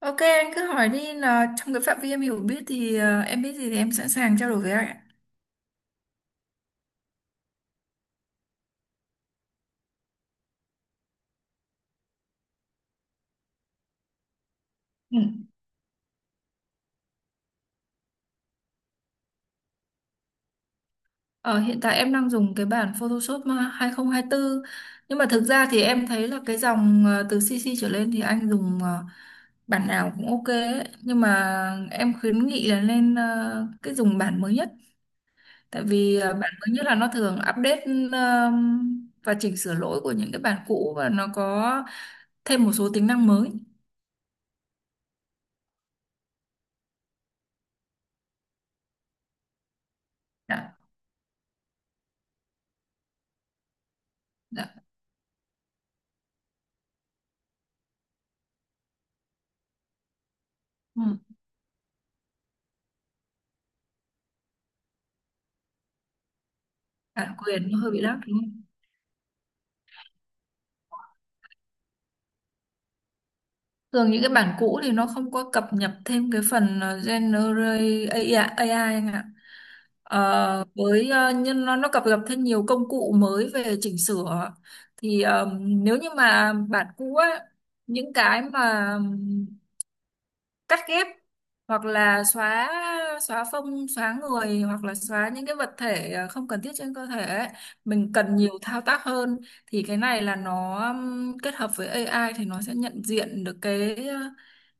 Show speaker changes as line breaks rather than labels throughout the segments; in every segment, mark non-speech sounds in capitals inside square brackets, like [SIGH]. Ok anh cứ hỏi đi là trong cái phạm vi em hiểu biết thì em biết gì thì em sẵn sàng trao đổi với anh ạ. Ừ. Ờ, Hiện tại em đang dùng cái bản Photoshop 2024 nhưng mà thực ra thì em thấy là cái dòng từ CC trở lên thì anh dùng bản nào cũng ok ấy. Nhưng mà em khuyến nghị là nên cái dùng bản mới nhất tại vì bản mới nhất là nó thường update ờ, và chỉnh sửa lỗi của những cái bản cũ và nó có thêm một số tính năng mới. Dạ, dạ. Ừ. Bản quyền nó hơi bị lắc đúng không? Thường những cái bản cũ thì nó không có cập nhật thêm cái phần Generate AI, AI anh ạ. Với nhưng nó cập nhật thêm nhiều công cụ mới về chỉnh sửa thì nếu như mà bản cũ á, những cái mà cắt ghép hoặc là xóa xóa phông xóa người hoặc là xóa những cái vật thể không cần thiết trên cơ thể ấy. Mình cần nhiều thao tác hơn thì cái này là nó kết hợp với AI thì nó sẽ nhận diện được cái ờ,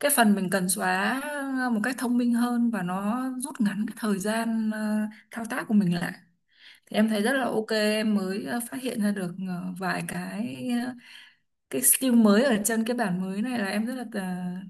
cái phần mình cần xóa một cách thông minh hơn và nó rút ngắn cái thời gian thao tác của mình lại. Thì em thấy rất là ok, em mới phát hiện ra được vài cái skill mới ở trên cái bản mới này là em rất là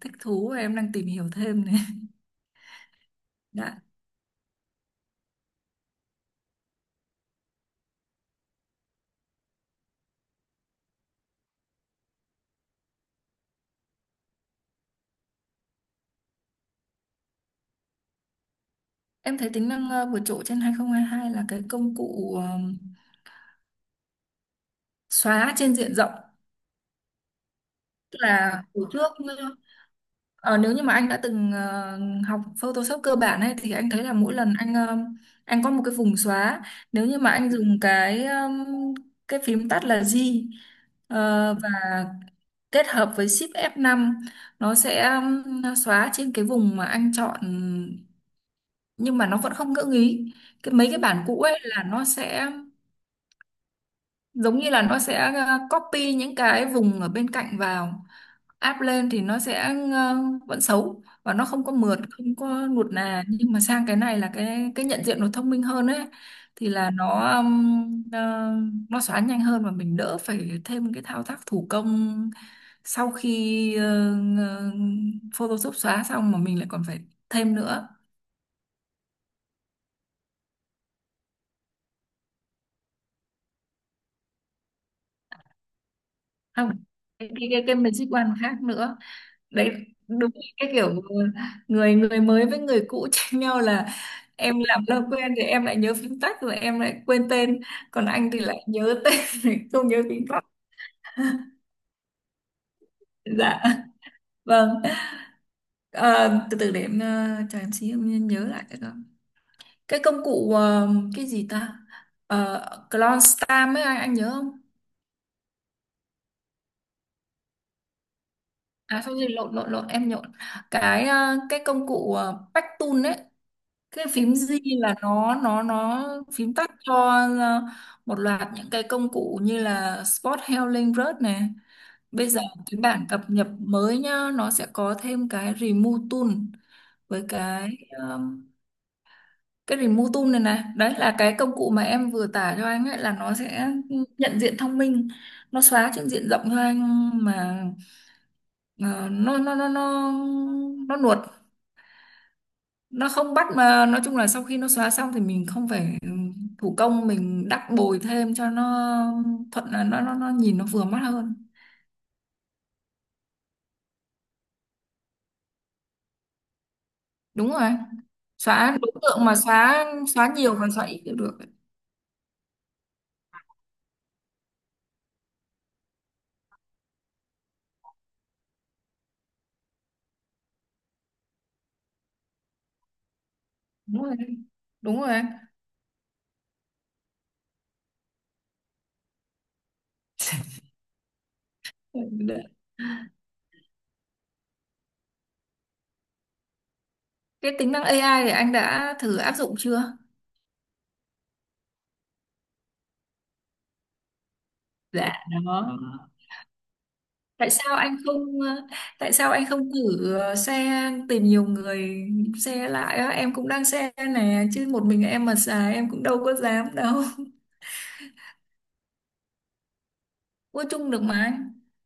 thích thú và em đang tìm hiểu thêm này. Dạ. Em thấy tính năng vượt trội trên 2022 là cái công cụ xóa trên diện rộng. Tức là hồi trước ờ, nếu như mà anh đã từng học Photoshop cơ bản ấy thì anh thấy là mỗi lần anh có một cái vùng xóa. Nếu như mà anh dùng cái phím tắt là G và kết hợp với Shift+F5, nó sẽ xóa trên cái vùng mà anh chọn nhưng mà nó vẫn không ngỡ ý. Cái mấy cái bản cũ ấy là nó sẽ giống như là nó sẽ copy những cái vùng ở bên cạnh vào áp lên thì nó sẽ vẫn xấu và nó không có mượt không có nuột nà. Nhưng mà sang cái này là cái nhận diện nó thông minh hơn ấy. Thì là nó xóa nhanh hơn và mình đỡ phải thêm cái thao tác thủ công sau khi ờ, Photoshop xóa xong mà mình lại còn phải thêm nữa. Không, cái Magic One khác nữa đấy, đúng. Cái kiểu người người mới với người cũ [LAUGHS] tranh nhau là em làm lâu quen thì em lại nhớ phím tắt rồi em lại quên tên, còn anh thì lại nhớ tên [LAUGHS] rồi không nhớ phím tắt. Dạ vâng. Ờ, Từ từ để em cho em xí em nhớ lại cái đó, cái công cụ cái gì ta, Clone Star ấy anh nhớ không? À sao gì lộn lộn lộn em nhộn, cái công cụ Pack Tool ấy. Cái phím Z là nó phím tắt cho ờ, một loạt những cái công cụ như là Spot Healing Rớt này. Bây giờ cái bản cập nhật mới nhá, nó sẽ có thêm cái Remove Tool với um, cái Remove Tool này này đấy là cái công cụ mà em vừa tả cho anh ấy, là nó sẽ nhận diện thông minh, nó xóa trên diện rộng cho anh mà ờ, nó nó nó nó nó nuột, nó không bắt. Mà nói chung là sau khi nó xóa xong thì mình không phải ừ, thủ công mình đắp bồi thêm cho nó thuận, là nó nhìn nó vừa mắt hơn. Đúng rồi, xóa đối tượng mà, xóa xóa nhiều còn xóa ít đều được. Đúng rồi, đúng rồi. [LAUGHS] Đấy. Cái tính năng AI thì anh đã thử áp dụng chưa? Dạ, đó. Tại sao anh không ờ, tại sao anh không thử share tìm nhiều người share lại á? Em cũng đang share nè, chứ một mình em mà xài em cũng đâu có dám đâu. Mua chung được mà.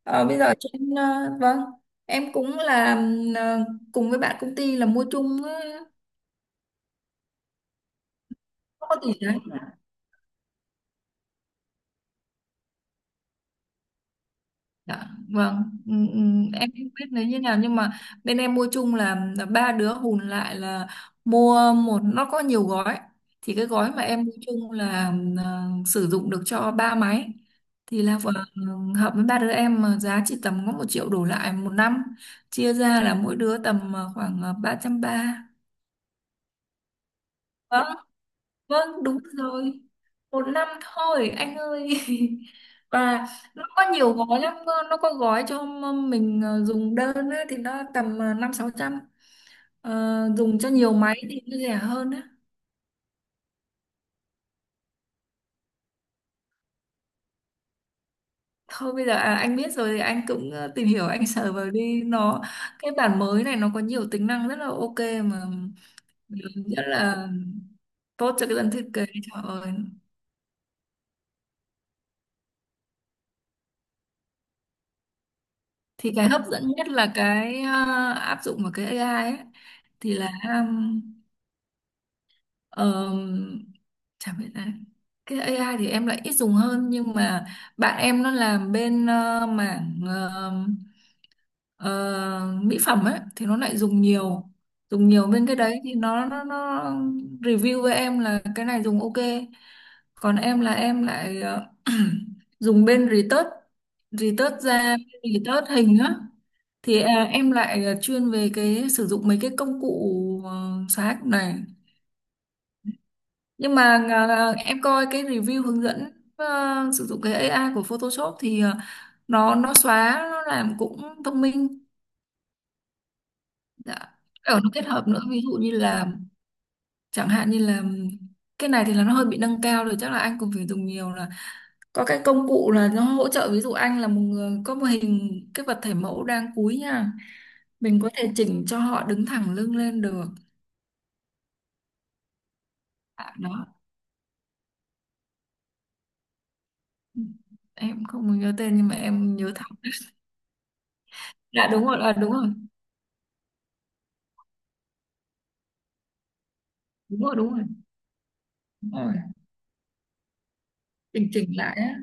Bây giờ trên vâng, em cũng là ờ, cùng với bạn công ty là mua chung không có tỷ đấy. Dạ, vâng, ừ, ừ, em không biết là như nào nhưng mà bên em mua chung là ba đứa hùn lại là mua một, nó có nhiều gói. Thì cái gói mà em mua chung là sử dụng được cho ba máy, thì là vừa hợp với ba đứa em mà giá chỉ tầm có 1 triệu đổ lại 1 năm, chia ra là mỗi đứa tầm khoảng ba trăm ba. Vâng. Vâng, đúng rồi. 1 năm thôi, anh ơi. [LAUGHS] Và nó có nhiều gói lắm, cơ. Nó có gói cho mình dùng đơn á, thì nó tầm năm sáu trăm. Dùng cho nhiều máy thì nó rẻ hơn á. Thôi bây giờ à, anh biết rồi thì anh cũng tìm hiểu, anh sờ vào đi. Nó cái bản mới này nó có nhiều tính năng rất là ok mà, rất là tốt cho cái dân thiết kế, trời ơi. Thì cái hấp dẫn nhất là áp dụng vào cái AI ấy thì là, Ờ, chả biết là cái AI thì em lại ít dùng hơn, nhưng mà bạn em nó làm bên mảng ờ, mỹ phẩm ấy thì nó lại dùng nhiều, dùng nhiều bên cái đấy thì nó review với em là cái này dùng ok. Còn em là em lại [CLEARS THROAT] dùng bên retouch, retouch da, retouch hình á thì à, em lại chuyên về cái sử dụng mấy cái công cụ xóa hình này. Nhưng mà à, em coi cái review hướng dẫn sử dụng cái AI của Photoshop thì nó xóa nó làm cũng thông minh. Dạ. Ở nó kết hợp nữa, ví dụ như là chẳng hạn như là cái này thì là nó hơi bị nâng cao rồi, chắc là anh cũng phải dùng nhiều là có cái công cụ là nó hỗ trợ. Ví dụ anh là một người có một hình cái vật thể mẫu đang cúi nha, mình có thể chỉnh cho họ đứng thẳng lưng lên được. À, đó em không nhớ tên nhưng mà em nhớ thẳng. [LAUGHS] Dạ đúng rồi. À, đúng rồi, đúng rồi, đúng rồi. Ừ. Bình chỉnh lại á.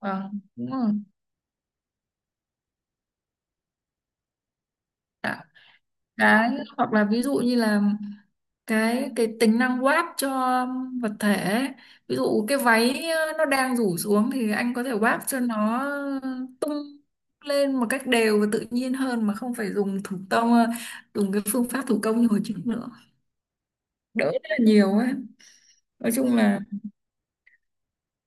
Vâng. Ừ. Đúng rồi. Dạ. Cái hoặc là ví dụ như là cái tính năng quát cho vật thể ấy. Ví dụ cái váy nó đang rủ xuống thì anh có thể quát cho nó tung lên một cách đều và tự nhiên hơn, mà không phải dùng thủ công, dùng cái phương pháp thủ công như hồi trước nữa, đỡ rất là nhiều ấy. Nói chung là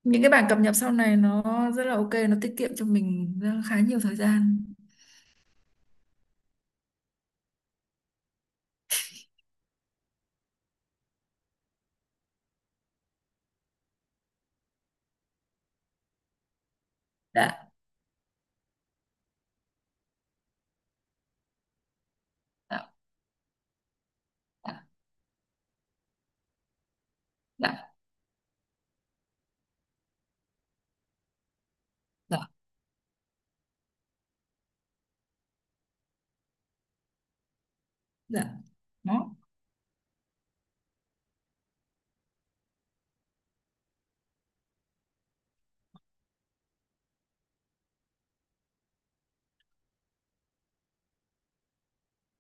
những cái bản cập nhật sau này nó rất là ok, nó tiết kiệm cho mình khá nhiều thời gian. Dạ, dạ, dạ, dạ, dạ, dạ. Đó.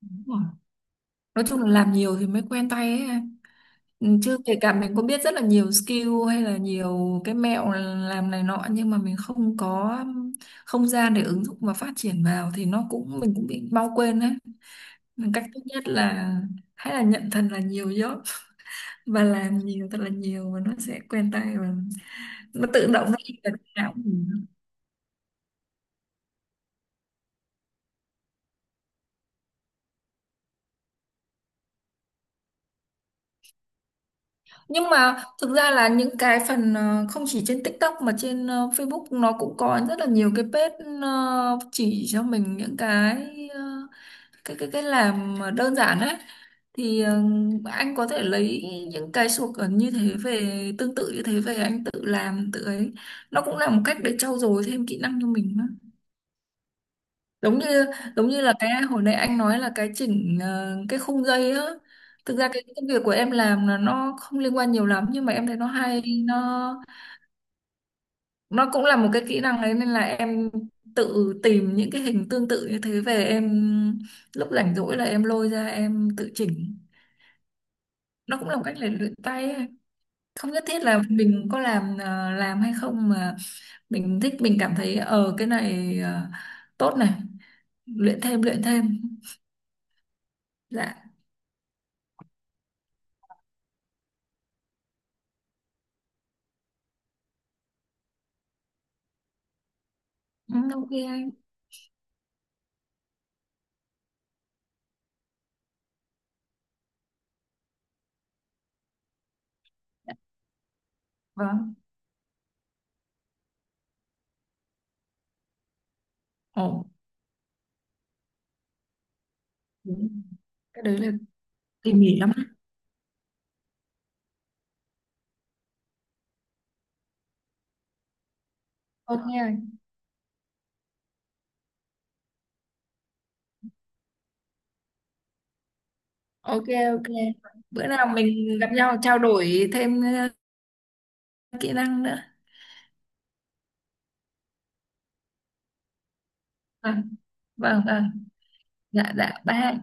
Đúng rồi. Nói chung là làm nhiều thì mới quen tay ấy, em. Ừ, chứ kể cả mình có biết rất là nhiều skill hay là nhiều cái mẹo làm này nọ nhưng mà mình không có không gian để ứng dụng và phát triển vào thì nó cũng, mình cũng bị mau quên đấy. Nên cách tốt nhất là hay là nhận thật là nhiều job và làm nhiều thật là nhiều, và nó sẽ quen tay và nó tự động nó in vào não. Nhưng mà thực ra là những cái phần không chỉ trên TikTok mà trên Facebook nó cũng có rất là nhiều cái page chỉ cho mình những cái ờ, cái làm mà đơn giản ấy, thì anh có thể lấy những cái suộc ở như thế về, tương tự như thế về anh tự làm tự ấy, nó cũng là một cách để trau dồi thêm kỹ năng cho mình. Giống như, giống như là cái hồi nãy anh nói là cái chỉnh cái khung dây á, thực ra cái công việc của em làm là nó không liên quan nhiều lắm nhưng mà em thấy nó hay, nó cũng là một cái kỹ năng đấy, nên là em tự tìm những cái hình tương tự như thế về, em lúc rảnh rỗi là em lôi ra em tự chỉnh, nó cũng là một cách để luyện tay ấy. Không nhất thiết là mình có làm hay không, mà mình thích mình cảm thấy cái này tốt này, luyện thêm, luyện thêm. Dạ. Ừ, ok anh. Vâng. Ổn, đúng. Cái đấy là tỉ mỉ lắm. Ok, ok, ok. Bữa nào mình gặp nhau trao đổi thêm ờ, kỹ năng nữa. Vâng, vâng, vâng. Dạ, dạ, bye.